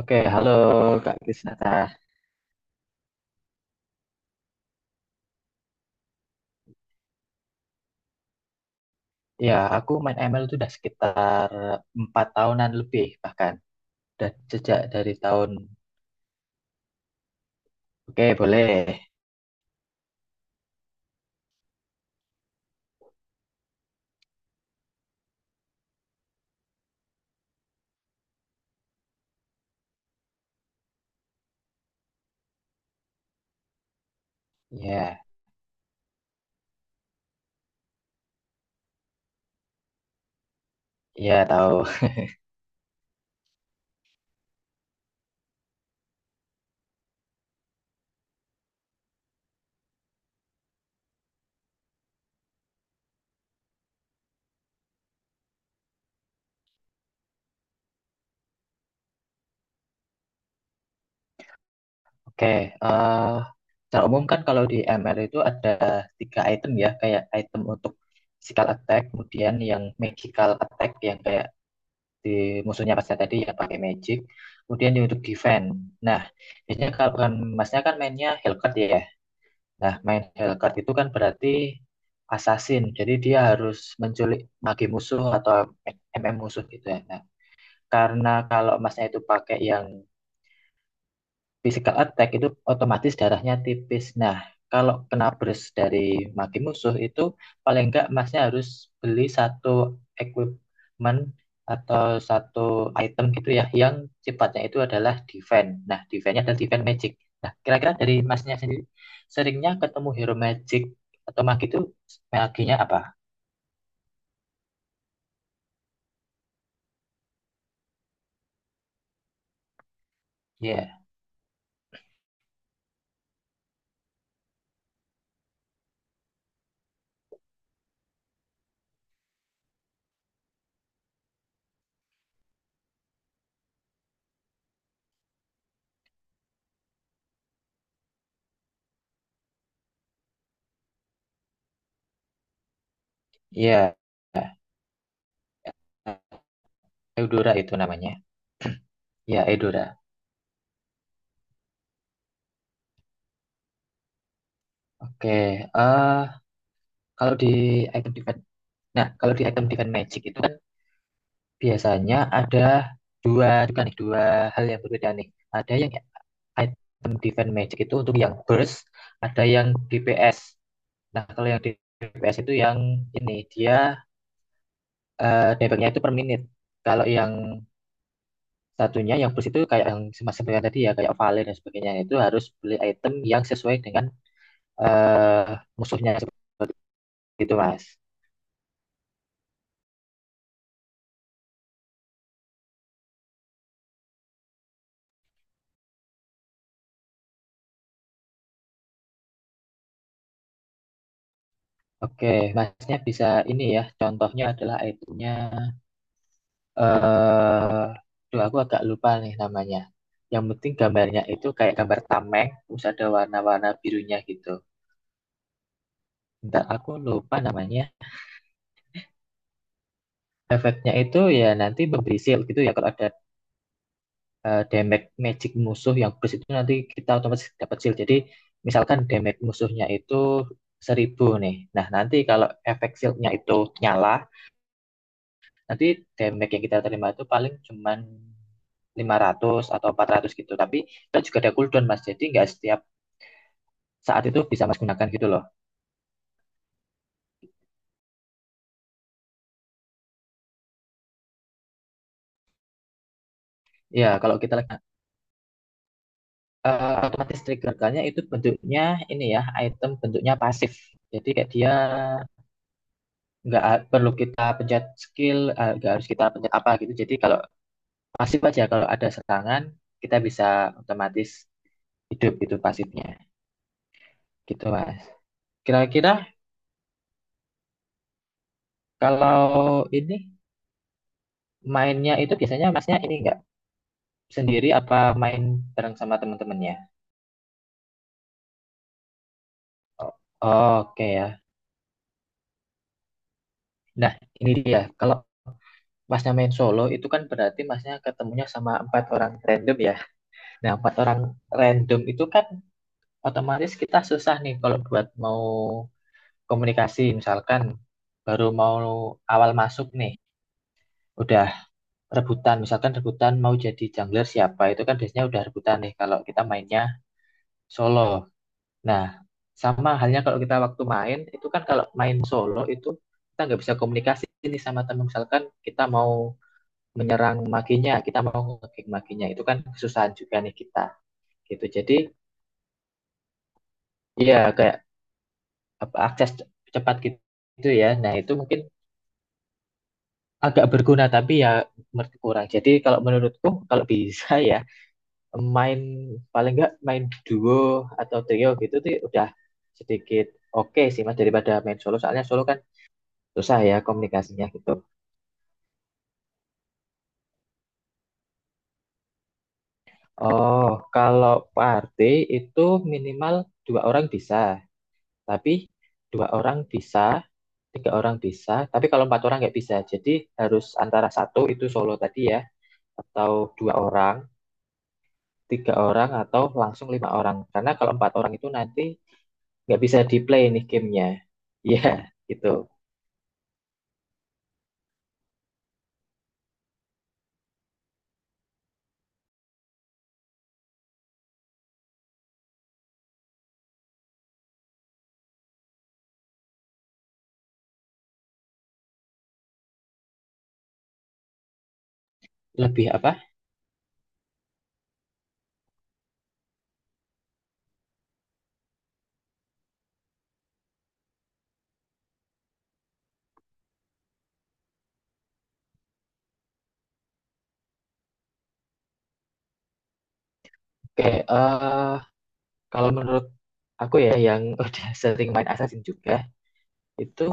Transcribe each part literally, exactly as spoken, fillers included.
Oke, halo Kak Krisnata. Ya, aku main M L itu udah sekitar empat tahunan lebih bahkan. Dan sejak dari tahun, oke boleh. Ya, ya tahu. Oke, eh secara umum kan kalau di M L itu ada tiga item ya, kayak item untuk physical attack, kemudian yang magical attack yang kayak di musuhnya pas tadi yang pakai magic, kemudian yang untuk defense. Nah, biasanya kalau kan masnya kan mainnya Hellcat ya. Nah, main Hellcat itu kan berarti assassin. Jadi dia harus menculik mage musuh atau M M musuh gitu ya. Nah, karena kalau masnya itu pakai yang physical attack itu otomatis darahnya tipis. Nah, kalau kena burst dari maki musuh itu paling enggak masnya harus beli satu equipment atau satu item gitu ya yang sifatnya itu adalah defense. Nah, defense-nya adalah defense magic. Nah, kira-kira dari masnya sendiri seringnya ketemu hero magic atau maki itu maginya apa? Ya, ya, Eudora itu namanya. Ya, Eudora. Oke, eh kalau di item defense Nah, kalau di item Divine Magic itu kan biasanya ada dua juga nih, dua hal yang berbeda nih. Ada yang item Divine Magic itu untuk yang burst, ada yang D P S. Nah, kalau yang D P S itu yang ini dia eh damage-nya itu per menit. Kalau yang satunya yang burst itu kayak yang semacam yang tadi ya kayak Vale dan sebagainya itu harus beli item yang sesuai dengan eh musuhnya seperti itu, Mas. Oke, Masnya bisa ini ya. Contohnya adalah itemnya eh tuh aku agak lupa nih namanya. Yang penting gambarnya itu kayak gambar tameng, terus ada warna-warna birunya gitu. Bentar, aku lupa namanya. Efeknya itu ya nanti memberi shield gitu ya. Kalau ada eh, damage magic musuh yang burst itu nanti kita otomatis dapat shield. Jadi misalkan damage musuhnya itu seribu nih. Nah, nanti kalau efek shieldnya itu nyala, nanti damage yang kita terima itu paling cuman lima ratus atau empat ratus gitu. Tapi kita juga ada cooldown mas, jadi nggak setiap saat itu bisa Mas gunakan gitu loh. Ya, kalau kita lihat eh, otomatis triggerkannya itu bentuknya ini ya, item bentuknya pasif. Jadi kayak dia nggak perlu kita pencet skill, eh, nggak harus kita pencet apa gitu. Jadi kalau pasif aja kalau ada serangan kita bisa otomatis hidup gitu pasifnya. Gitu, Mas. Kira-kira kalau ini mainnya itu biasanya Masnya ini nggak sendiri apa main bareng sama teman-temannya? O- Oke, ya. Nah, ini dia. Kalau Masnya main solo itu kan berarti masnya ketemunya sama empat orang random ya. Nah, empat orang random itu kan otomatis kita susah nih kalau buat mau komunikasi. Misalkan baru mau awal masuk nih, udah rebutan. Misalkan rebutan mau jadi jungler siapa, itu kan biasanya udah rebutan nih kalau kita mainnya solo. Nah, sama halnya kalau kita waktu main, itu kan kalau main solo itu kita nggak bisa komunikasi nih sama teman. Misalkan kita mau menyerang makinya, kita mau ngekick makinya. Itu kan kesusahan juga nih kita. Gitu. Jadi ya kayak apa, akses cepat gitu, gitu ya. Nah, itu mungkin agak berguna tapi ya mer- kurang. Jadi kalau menurutku kalau bisa ya main paling nggak main duo atau trio gitu tuh udah sedikit oke sih Mas daripada main solo. Soalnya solo kan susah ya komunikasinya gitu. Oh, kalau party itu minimal dua orang bisa, tapi dua orang bisa, tiga orang bisa, tapi kalau empat orang nggak bisa. Jadi harus antara satu itu solo tadi ya, atau dua orang, tiga orang, atau langsung lima orang. Karena kalau empat orang itu nanti nggak bisa di play nih gamenya. Iya, gitu. Lebih apa? Kayak eh kalau menurut aku ya yang udah sering main Assassin juga, itu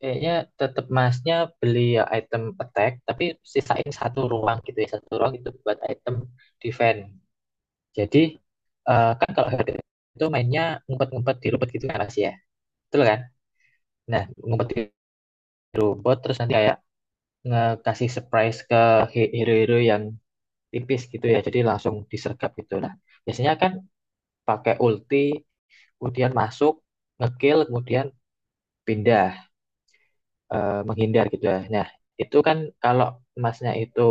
kayaknya tetap masnya beli ya item attack, tapi sisain satu ruang gitu ya, satu ruang itu buat item defense. Jadi eh, kan kalau herd itu mainnya ngumpet-ngumpet di robot gitu kan Mas ya. Betul kan? Nah, ngumpet di robot terus nanti kayak ngasih surprise ke hero-hero yang tipis gitu ya. Jadi langsung disergap gitu. Nah, biasanya kan pakai ulti, kemudian masuk, ngekill, kemudian pindah, eh, menghindar gitu ya. Nah, itu kan kalau emasnya itu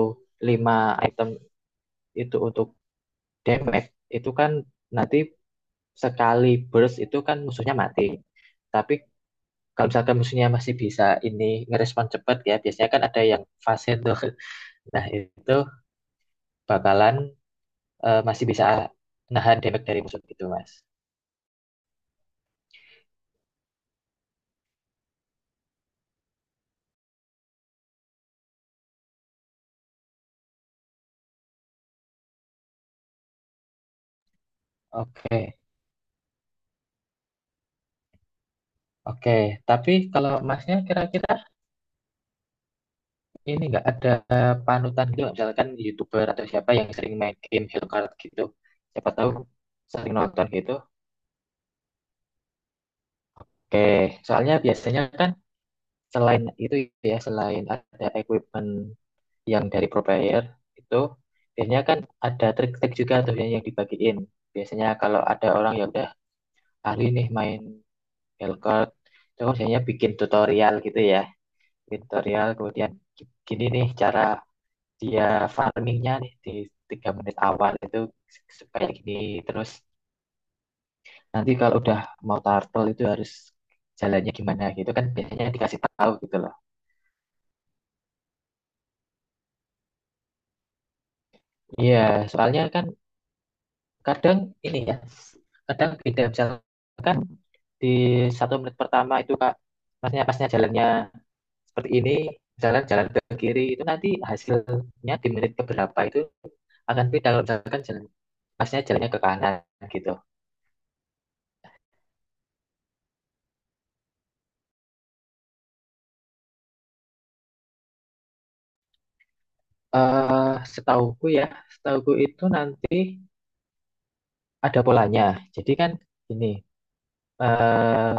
lima item itu untuk damage, itu kan nanti sekali burst itu kan musuhnya mati. Tapi kalau misalkan musuhnya masih bisa ini ngerespon cepat ya biasanya kan ada yang fase tuh, nah itu bakalan eh, masih bisa nahan damage dari musuh gitu, mas. Oke, oke, tapi kalau masnya kira-kira ini nggak ada panutan gitu nggak? Misalkan youtuber atau siapa yang sering main game Hero Card gitu, siapa tahu sering nonton gitu. Oke, soalnya biasanya kan selain itu ya selain ada equipment yang dari provider itu biasanya kan ada trik-trik juga tuh yang, yang dibagiin. Biasanya kalau ada orang yang udah ahli nih main Belcort, itu kan biasanya bikin tutorial gitu ya. Bikin tutorial kemudian gini nih cara dia farmingnya nih di tiga menit awal itu supaya gini, terus nanti kalau udah mau turtle itu harus jalannya gimana gitu kan biasanya dikasih tahu gitu loh. Iya, soalnya kan kadang ini ya kadang beda misalkan di satu menit pertama itu kak masnya pasnya jalannya seperti ini jalan jalan ke kiri itu nanti hasilnya di menit keberapa itu akan beda kalau misalkan jalan pasnya jalannya ke kanan gitu. Eh setauku ya setauku itu nanti ada polanya, jadi kan ini eh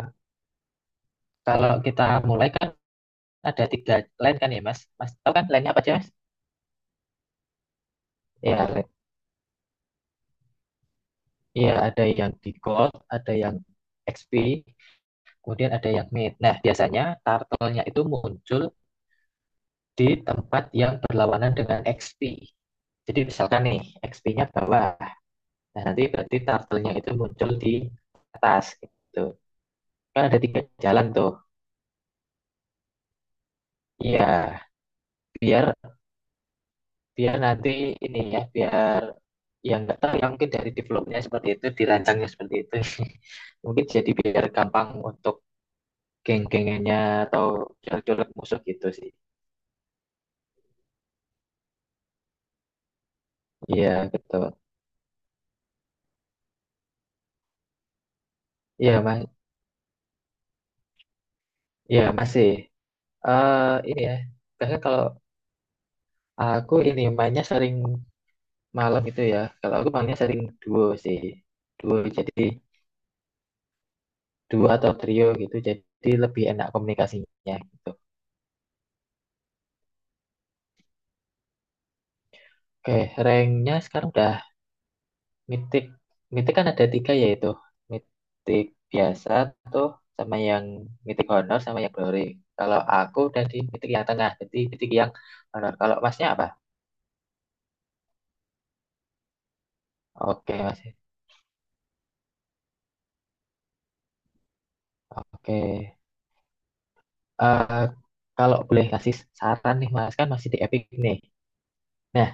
kalau kita mulai kan ada tiga line kan ya mas, mas tahu kan line nya apa aja mas. Ya, iya, ada yang di Gold, ada yang X P, kemudian ada yang Mid. Nah, biasanya turtle-nya itu muncul di tempat yang berlawanan dengan X P. Jadi misalkan nih, X P-nya bawah. Nah, nanti berarti turtle-nya itu muncul di atas gitu. Kan ada tiga jalan tuh. Iya, biar biar nanti ini ya, biar yang nggak tahu ya mungkin dari developnya seperti itu, dirancangnya seperti itu. Mungkin jadi biar gampang untuk geng-gengannya atau colek-colek musuh gitu sih. Iya, betul. Iya, Mas. Iya, masih. Eh ini ya. Karena kalau aku ini mainnya sering malam gitu ya. Kalau aku mainnya sering duo sih. Duo jadi duo atau trio gitu. Jadi lebih enak komunikasinya gitu. Oke, ranknya sekarang udah Mythic, Mythic kan ada tiga yaitu Mythic biasa tuh sama yang Mythic Honor sama yang Glory. Kalau aku dari Mythic yang tengah, jadi Mythic yang Honor. Kalau masnya apa? Oke mas, oke. Eh, kalau boleh kasih saran nih mas, kan masih di Epic nih. Nah,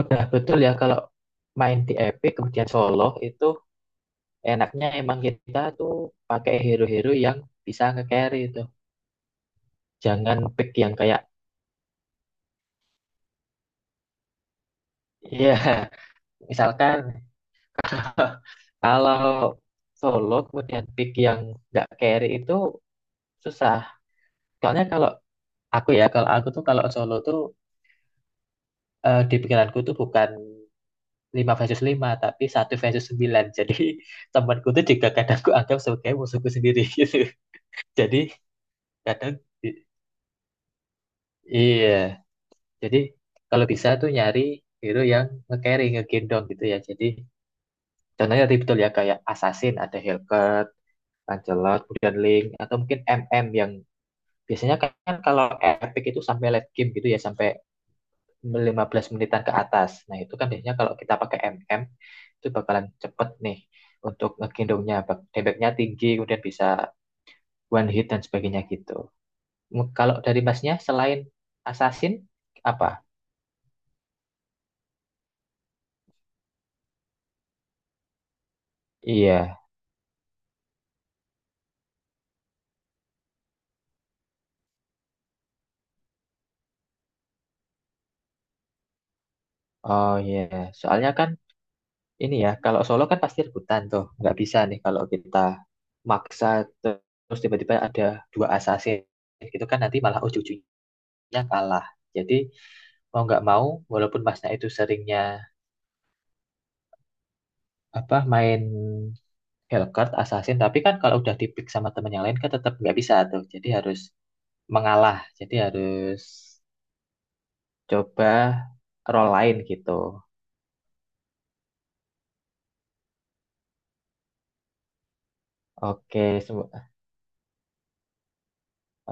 udah betul ya kalau main di Epic kemudian solo itu enaknya emang kita tuh pakai hero-hero yang bisa nge-carry itu. Jangan pick yang kayak, ya misalkan kalau solo kemudian pick yang nggak carry itu susah. Soalnya kalau aku ya, kalau aku tuh kalau solo tuh eh, di pikiranku tuh bukan lima versus lima tapi satu versus sembilan. Jadi temanku tuh juga kadang aku anggap sebagai musuhku sendiri gitu. Jadi kadang, i- iya. Jadi kalau bisa tuh nyari hero yang nge-carry, ngegendong gitu ya. Jadi contohnya tadi betul ya, kayak Assassin, ada Hellcat, Lancelot, kemudian Link, atau mungkin M M yang biasanya kan kan kalau epic itu sampai late game gitu ya, sampai lima belas menitan ke atas. Nah, itu kan biasanya kalau kita pakai M M, itu bakalan cepet nih untuk ngegendongnya. Bak- Damage-nya tinggi, kemudian bisa one hit dan sebagainya gitu. M- Kalau dari masnya, selain Assassin, apa? Iya, oh iya. Soalnya kan ini ya, kalau solo kan pasti rebutan tuh. Nggak bisa nih kalau kita maksa terus tiba-tiba ada dua assassin gitu kan nanti malah ujung-ujungnya kalah. Jadi mau nggak mau walaupun masnya itu seringnya apa main Hellcurt Assassin tapi kan kalau udah dipick sama temen yang lain kan tetap nggak bisa tuh jadi harus mengalah jadi harus coba role lain gitu. Oke semu-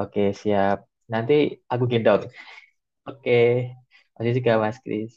oke siap, nanti aku gendong. Oke, masih juga Mas Kris.